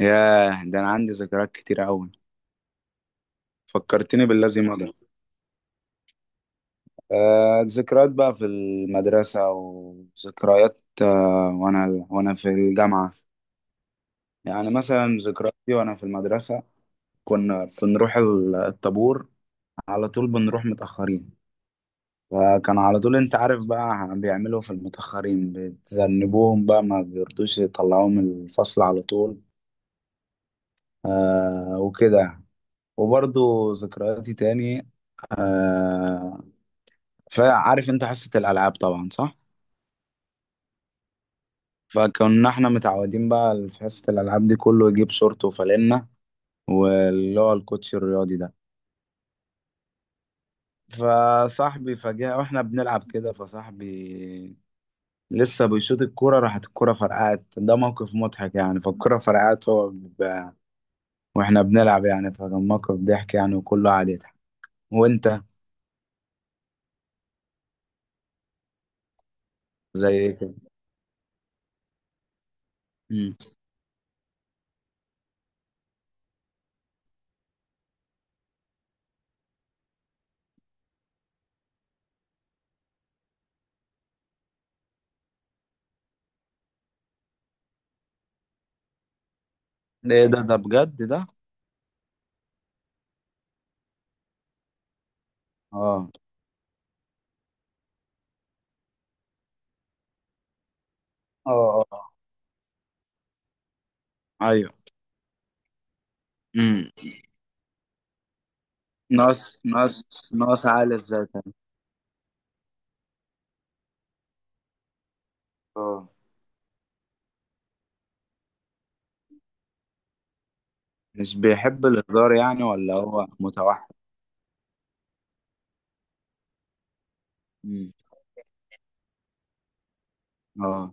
ياه، ده أنا عندي ذكريات كتير أوي. فكرتني بالذي مضى. ذكريات بقى في المدرسة، وذكريات وأنا في الجامعة. يعني مثلا ذكرياتي وأنا في المدرسة، كنا بنروح الطابور. على طول بنروح متأخرين، فكان على طول أنت عارف بقى بيعملوا في المتأخرين، بتذنبوهم بقى، ما بيرضوش يطلعوهم من الفصل على طول. وكده. وبرضو ذكرياتي تاني، آه، فعارف انت حصة الألعاب طبعا، صح؟ فكنا احنا متعودين بقى في حصة الألعاب دي كله يجيب شورت فانلة، واللي هو الكوتش الرياضي ده. فصاحبي فجأة واحنا بنلعب كده، فصاحبي لسه بيشوط الكورة، راحت الكورة فرقعت. ده موقف مضحك يعني. فالكورة فرقعت واحنا بنلعب يعني. فكان موقف ضحك يعني، وكله قاعد يضحك. وانت؟ زي ايه كده؟ مم. ايه ده بجد ده؟ اه، اه، اه. ايوه. مم. ناقص عالي ازاي؟ اه. مش بيحب الهزار يعني، ولا هو متوحد؟ مم. اه.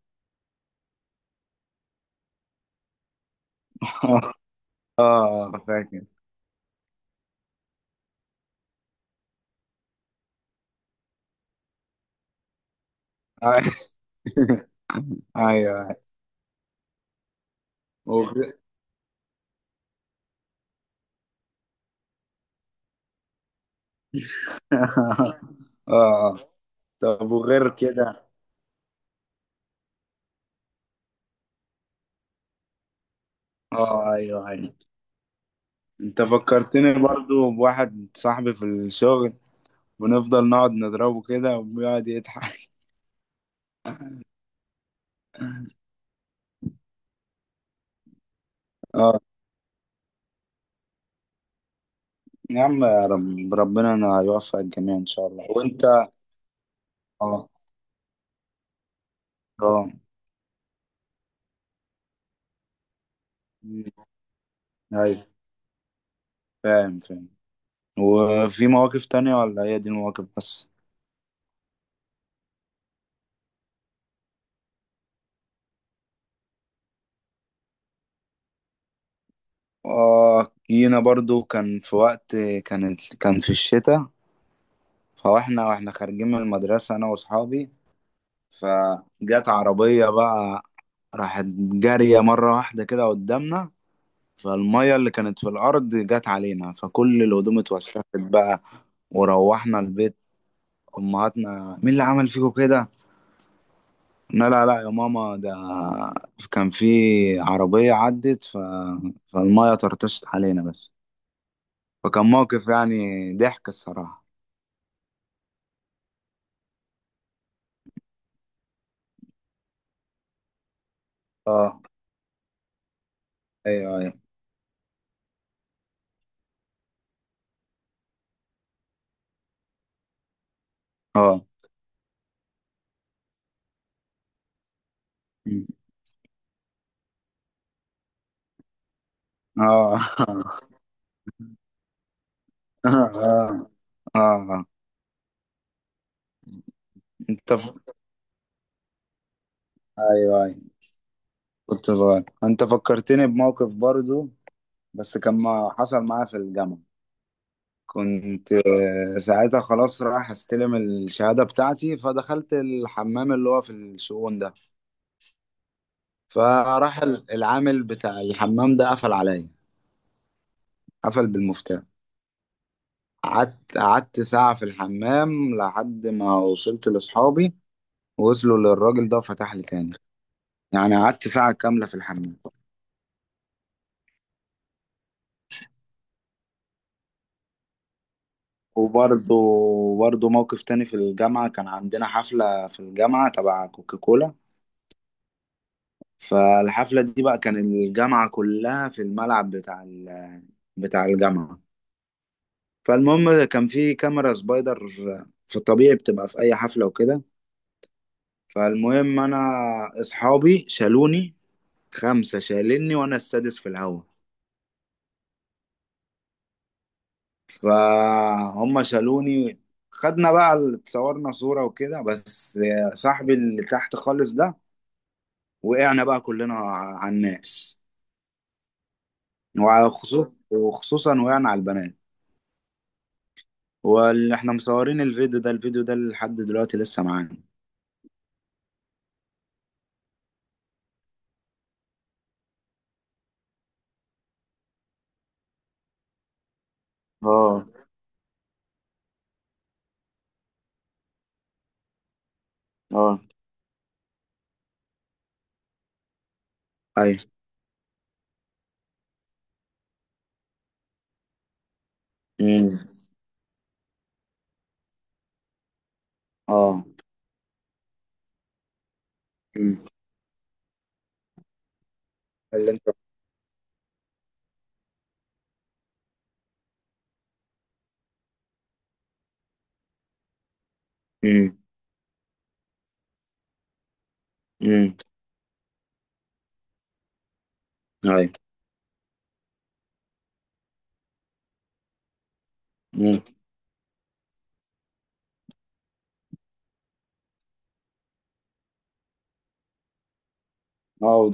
اه. فاكر. ايوه. وغ- اه. طب، وغير كده؟ اه، ايوه، ايوه. انت فكرتني برضو بواحد صاحبي في الشغل، بنفضل نقعد نضربه كده وبيقعد يضحك. اه. يا عم، يا رب، ربنا انا يوفق الجميع ان شاء الله. وانت؟ اه، اه. أمم، ايوه، فاهم فاهم. وفي مواقف تانية، ولا هي دي المواقف بس؟ اه، جينا برضو. كان في وقت، كان في الشتاء، فاحنا خارجين من المدرسة انا واصحابي، فجت عربية بقى، راحت جارية مرة واحدة كده قدامنا، فالمية اللي كانت في الأرض جت علينا، فكل الهدوم اتوسخت بقى. وروحنا البيت، أمهاتنا: مين اللي عمل فيكم كده؟ لا لا لا يا ماما، ده كان في عربية عدت فالمية طرطشت علينا بس. فكان موقف يعني ضحك الصراحة. اه، ايوه، ايوه. اه م. اه. اه. اه. انت ف... ايوه، ايوه. كنت صغير. انت فكرتني بموقف برضو، بس كان ما حصل معايا في الجامعة. كنت ساعتها خلاص رايح استلم الشهادة بتاعتي، فدخلت الحمام اللي هو في الشؤون ده. فراح العامل بتاع الحمام ده قفل عليا، قفل بالمفتاح. قعدت ساعة في الحمام لحد ما وصلت لأصحابي، وصلوا للراجل ده وفتح لي تاني. يعني قعدت ساعة كاملة في الحمام. وبرضه برضه موقف تاني في الجامعة. كان عندنا حفلة في الجامعة تبع كوكاكولا. فالحفلة دي بقى، كان الجامعة كلها في الملعب بتاع بتاع الجامعة. فالمهم، كان في كاميرا سبايدر، في الطبيعي بتبقى في أي حفلة وكده. فالمهم، انا اصحابي شالوني. خمسة شالني وانا السادس في الهوا. فهم شالوني. خدنا بقى اتصورنا صورة وكده. بس صاحبي اللي تحت خالص ده، وقعنا بقى كلنا على الناس. وخصوصا وقعنا على البنات. واللي احنا مصورين الفيديو ده، لحد دلوقتي لسه معانا. اه، اه، اي، امم، اه، امم. اللي انت. امم، امم، اي، امم. اه،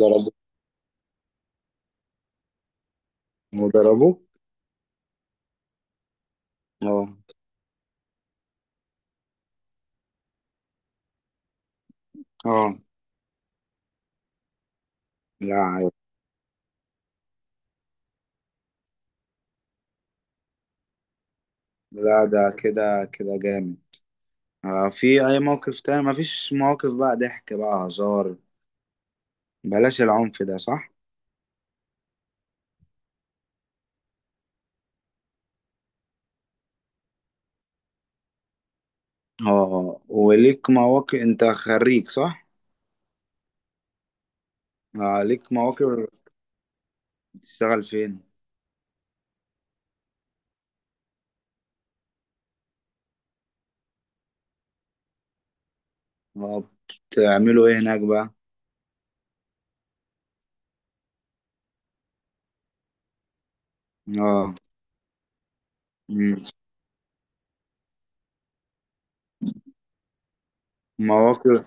وضربه. اه، اه. لا، عيب. لا، ده كده كده جامد. في اي موقف تاني، مفيش مواقف بقى ضحك، بقى هزار، بلاش العنف ده، صح؟ اه، وليك مواقف؟ انت خريج، صح؟ ليك مواقف. بتشتغل فين؟ اه، بتعملوا ايه هناك بقى؟ اه. مم. مواقف.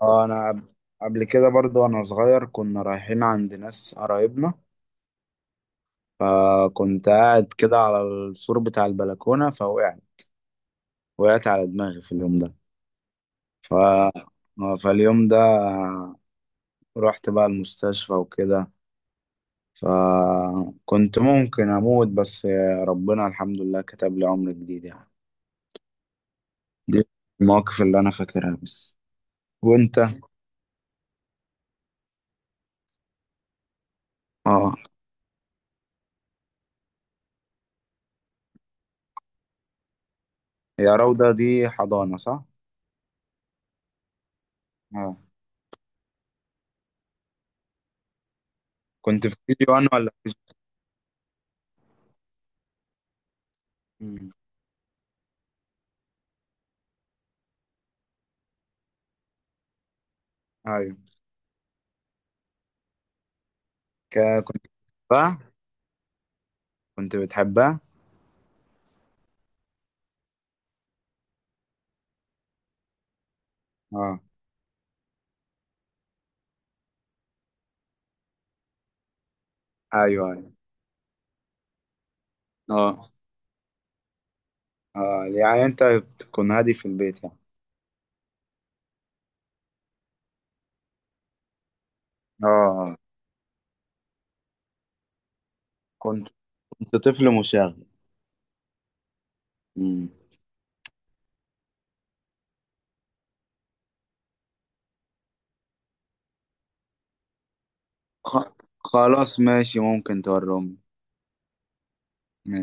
اه، انا قبل كده برضو وانا صغير كنا رايحين عند ناس قرايبنا، فكنت قاعد كده على السور بتاع البلكونة، فوقعت. وقعت على دماغي في اليوم ده. ف... فاليوم ده رحت بقى المستشفى وكده. فكنت ممكن أموت، بس ربنا الحمد لله كتب لي عمر جديد يعني. دي المواقف اللي أنا فاكرها بس. وأنت؟ اه. يا روضة، دي حضانة، صح؟ اه، كنت في كي جي 1 ولا في جي؟ أيوه. كنت بقى، كنت بتحبها؟ اه، ايوه، ايوه. اه، اه. يعني انت بتكون هادي في البيت يعني؟ اه، كنت. انت طفل مشاغب. مم. خ... خلاص، ماشي. ممكن تورمني. ماشي.